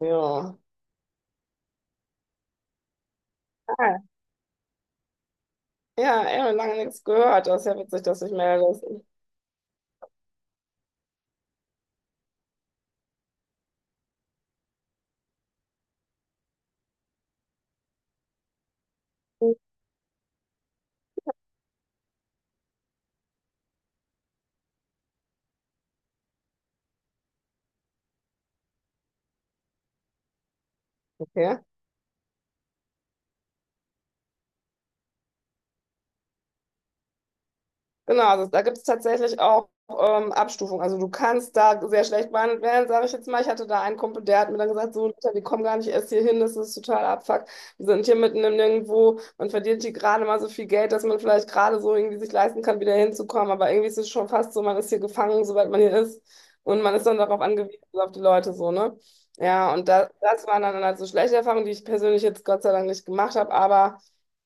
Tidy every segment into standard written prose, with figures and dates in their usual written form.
Ja. Ah, ja, ja, lange nichts gehört. Das ist ja witzig, dass ich melde. Okay. Genau, also da gibt es tatsächlich auch Abstufungen. Also du kannst da sehr schlecht behandelt werden, sage ich jetzt mal. Ich hatte da einen Kumpel, der hat mir dann gesagt, so Luther, die kommen gar nicht erst hier hin, das ist total Abfuck. Wir sind hier mitten im Nirgendwo, man verdient hier gerade mal so viel Geld, dass man vielleicht gerade so irgendwie sich leisten kann, wieder hinzukommen. Aber irgendwie ist es schon fast so, man ist hier gefangen, sobald man hier ist. Und man ist dann darauf angewiesen, also auf die Leute so, ne? Ja, und das waren dann halt so schlechte Erfahrungen, die ich persönlich jetzt Gott sei Dank nicht gemacht habe, aber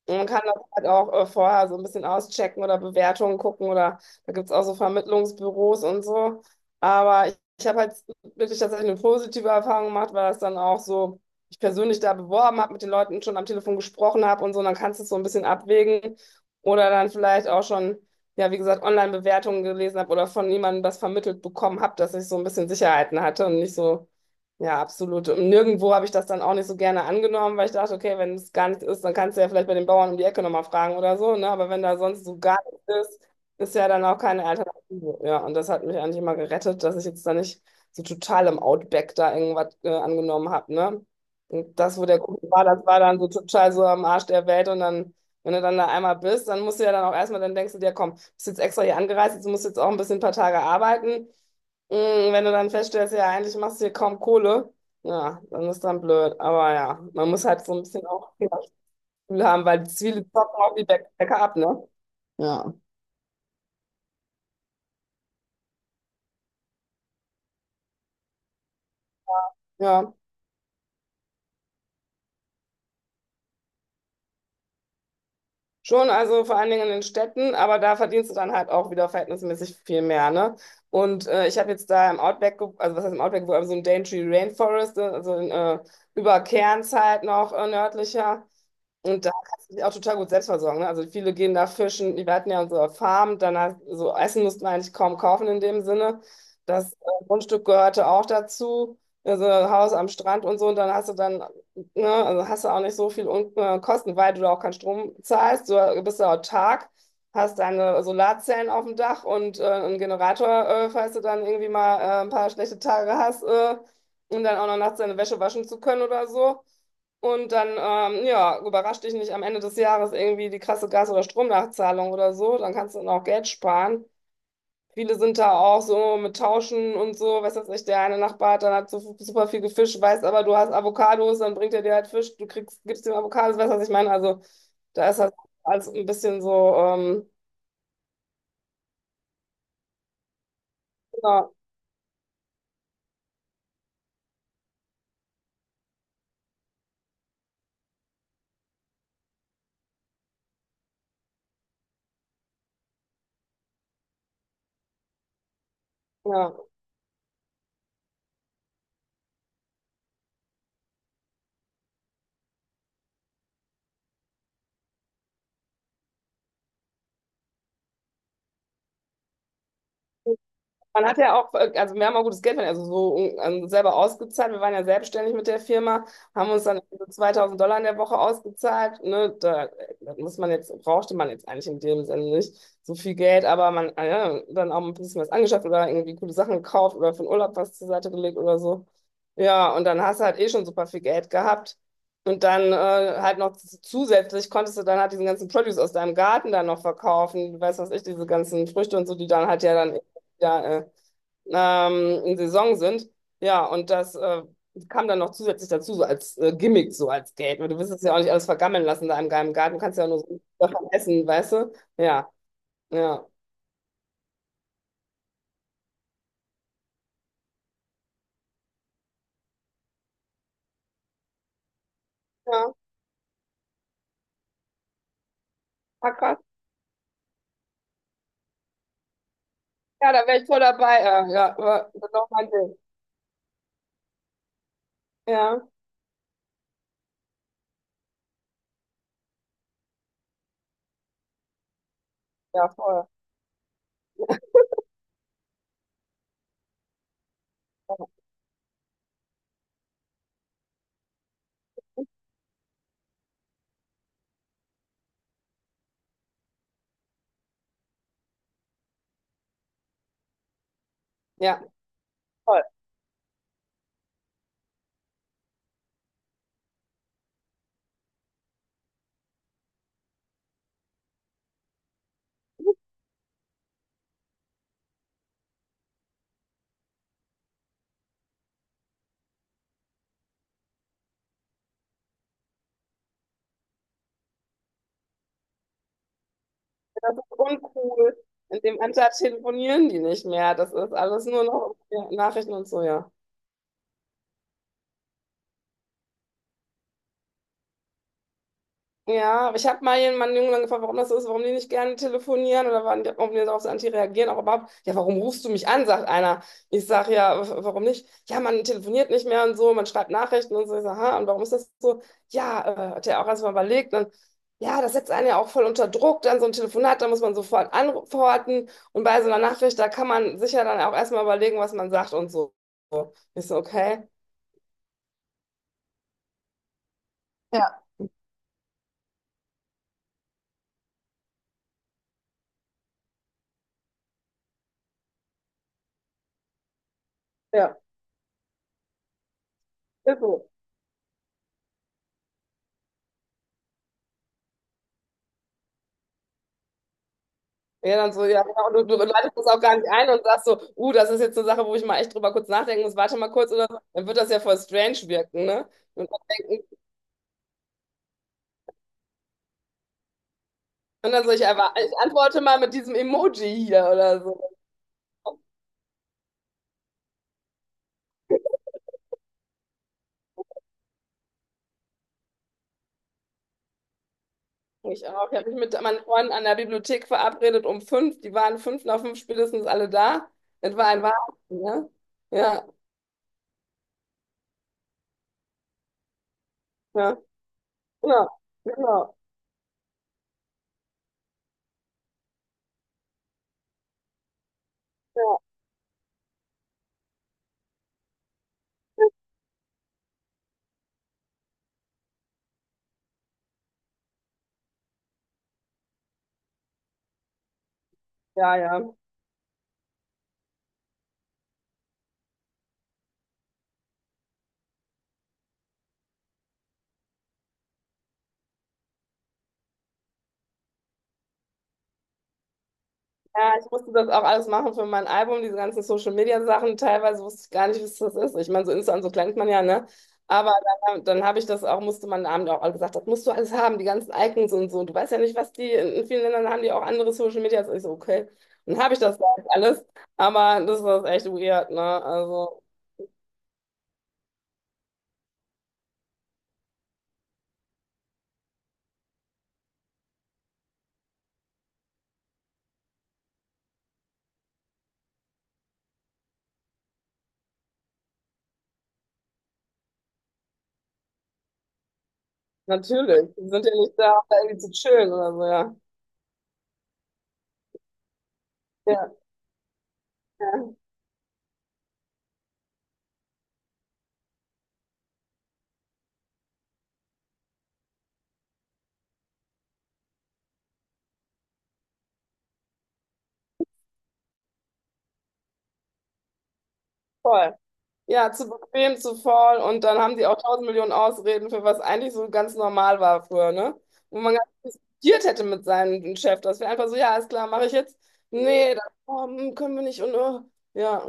man kann halt auch vorher so ein bisschen auschecken oder Bewertungen gucken oder da gibt es auch so Vermittlungsbüros und so. Aber ich habe halt wirklich tatsächlich eine positive Erfahrung gemacht, weil das dann auch so, ich persönlich da beworben habe, mit den Leuten schon am Telefon gesprochen habe und so, und dann kannst du es so ein bisschen abwägen oder dann vielleicht auch schon, ja, wie gesagt, Online-Bewertungen gelesen habe oder von jemandem das vermittelt bekommen habe, dass ich so ein bisschen Sicherheiten hatte und nicht so, ja, absolut. Und nirgendwo habe ich das dann auch nicht so gerne angenommen, weil ich dachte, okay, wenn es gar nicht ist, dann kannst du ja vielleicht bei den Bauern um die Ecke nochmal fragen oder so, ne? Aber wenn da sonst so gar nichts ist, ist ja dann auch keine Alternative. Ja, und das hat mich eigentlich immer gerettet, dass ich jetzt da nicht so total im Outback da irgendwas angenommen habe, ne? Und das, wo der Kuchen war, das war dann so total so am Arsch der Welt, und dann, wenn du dann da einmal bist, dann musst du ja dann auch erstmal, dann denkst du dir, komm, bist jetzt extra hier angereist, jetzt musst du jetzt auch ein bisschen ein paar Tage arbeiten. Wenn du dann feststellst, ja, eigentlich machst du hier kaum Kohle, ja, dann ist dann blöd. Aber ja, man muss halt so ein bisschen auch Fehlergefühl haben, weil viele zocken auch die Bäcker ab, ne? Ja. Ja, schon, also vor allen Dingen in den Städten, aber da verdienst du dann halt auch wieder verhältnismäßig viel mehr, ne? Und ich habe jetzt da im Outback, also was heißt im Outback, aber so im Daintree Rainforest, also über Cairns halt noch nördlicher. Und da kannst du dich auch total gut selbst versorgen. Ne? Also viele gehen da fischen. Wir hatten ja unsere Farm, danach so Essen mussten wir eigentlich kaum kaufen in dem Sinne. Das Grundstück gehörte auch dazu. Also Haus am Strand und so. Und dann hast du dann, ne, also hast du auch nicht so viel Un Kosten, weil du da auch keinen Strom zahlst. Du bist da autark, hast deine Solarzellen auf dem Dach und einen Generator, falls du dann irgendwie mal ein paar schlechte Tage hast, um dann auch noch nachts deine Wäsche waschen zu können oder so. Und dann, ja, überrascht dich nicht am Ende des Jahres irgendwie die krasse Gas- oder Stromnachzahlung oder so. Dann kannst du dann auch Geld sparen. Viele sind da auch so mit Tauschen und so. Weiß jetzt nicht, der eine Nachbar hat dann hat so super viel gefischt, weiß aber, du hast Avocados, dann bringt er dir halt Fisch, du kriegst, gibst ihm Avocados, weißt du, was ich meine? Also, da ist das alles ein bisschen so, ja, ja. Man hat ja auch, also wir haben auch gutes Geld verdient, also selber ausgezahlt. Wir waren ja selbstständig mit der Firma, haben uns dann so 2000 Dollar in der Woche ausgezahlt. Ne? Da, das muss man jetzt, brauchte man jetzt eigentlich in dem Sinne nicht so viel Geld, aber man ja, dann auch ein bisschen was angeschafft oder irgendwie coole Sachen gekauft oder für den Urlaub was zur Seite gelegt oder so. Ja, und dann hast du halt eh schon super viel Geld gehabt. Und dann halt noch zusätzlich konntest du dann halt diesen ganzen Produce aus deinem Garten dann noch verkaufen, weiß was ich, diese ganzen Früchte und so, die dann halt ja dann ja, in Saison sind. Ja, und das kam dann noch zusätzlich dazu, so als Gimmick, so als Geld. Weil du willst es ja auch nicht alles vergammeln lassen da im geheimen Garten. Du kannst ja auch nur so davon essen, weißt du? Ja, ja. Ja, ah, krass. Ja, da wäre ich voll dabei. Ja, ja, aber das ist auch mein Ding. Ja, ja, voll. Ja, voll. Das ist uncool. In dem Alter telefonieren die nicht mehr. Das ist alles nur noch ja, Nachrichten und so, ja. Ja, aber ich habe mal jemanden einen Jungen dann gefragt, warum das so ist, warum die nicht gerne telefonieren oder warum die darauf so anti reagieren. Auch überhaupt, ja, warum rufst du mich an, sagt einer. Ich sage ja, warum nicht? Ja, man telefoniert nicht mehr und so, man schreibt Nachrichten und so. Ich sage, ha, und warum ist das so? Ja, hat er auch erstmal überlegt. Dann, ja, das setzt einen ja auch voll unter Druck, dann so ein Telefonat, da muss man sofort antworten. Und bei so einer Nachricht, da kann man sicher dann auch erstmal überlegen, was man sagt und so. Ich so, okay. Ja. Ja, ist so. Ja, dann so, ja, genau. Und du leitest das auch gar nicht ein und sagst so, das ist jetzt eine Sache, wo ich mal echt drüber kurz nachdenken muss, warte mal kurz oder so, dann wird das ja voll strange wirken, ne? Und dann denken, und dann so, ich, einfach, ich antworte mal mit diesem Emoji hier oder so. Ich auch. Ich habe mich mit meinen Freunden an der Bibliothek verabredet um 5, die waren 5 nach 5 spätestens alle da. Das war ein Wahnsinn, ne? Ja, ja, genau, genau, ja, ja, ja. Ja, ich musste das auch alles machen für mein Album, diese ganzen Social-Media-Sachen. Teilweise wusste ich gar nicht, was das ist. Ich meine, so Insta und so kennt man ja, ne? Aber dann habe ich das auch, musste man Abend auch alle gesagt, das musst du alles haben, die ganzen Icons und so. Du weißt ja nicht, was die, in vielen Ländern haben die auch andere Social-Medias. Ich so, okay. Dann habe ich das da jetzt alles. Aber das ist echt weird, ne? Also, natürlich. Die sind ja nicht da, um da irgendwie zu chillen oder so, ja. Ja, ja, voll. Ja, zu bequem, zu faul und dann haben die auch tausend Millionen Ausreden für was eigentlich so ganz normal war früher, ne? Wo man gar nicht diskutiert hätte mit seinem Chef. Das wäre einfach so, ja, ist klar, mache ich jetzt. Nee, das oh, hm, können wir nicht und oh. Ja,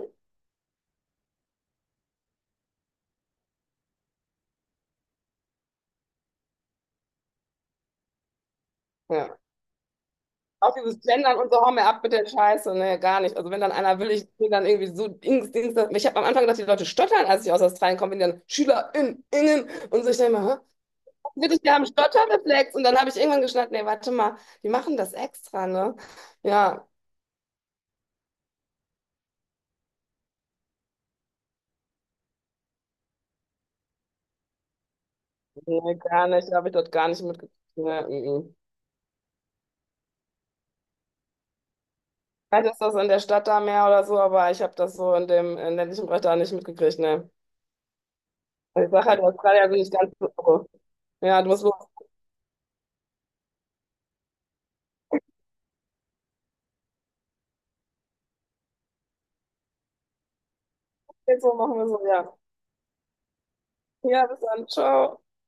ja. Auch dieses Gendern und so, hau mir ab mit der Scheiße. Nee, gar nicht. Also wenn dann einer will, ich bin dann irgendwie so Dings, Dings. Ich habe am Anfang gedacht, die Leute stottern, als ich aus Australien komme, wenn die dann SchülerInnen Ingen und so. Ich denke mal, hä? Wirklich, die haben Stotterreflex und dann habe ich irgendwann geschnallt, nee, warte mal, die machen das extra, ne? Ja, nee, gar nicht, habe ich dort gar nicht mitgekriegt. Nee, mhm. Vielleicht ist das in der Stadt da mehr oder so, aber ich habe das so in dem ländlichen Bereich da nicht mitgekriegt, ne. Also ich sage halt, Australier bin ich ganz so. Ja, du musst los. Jetzt so machen wir so, ja. Ja, bis dann, ciao.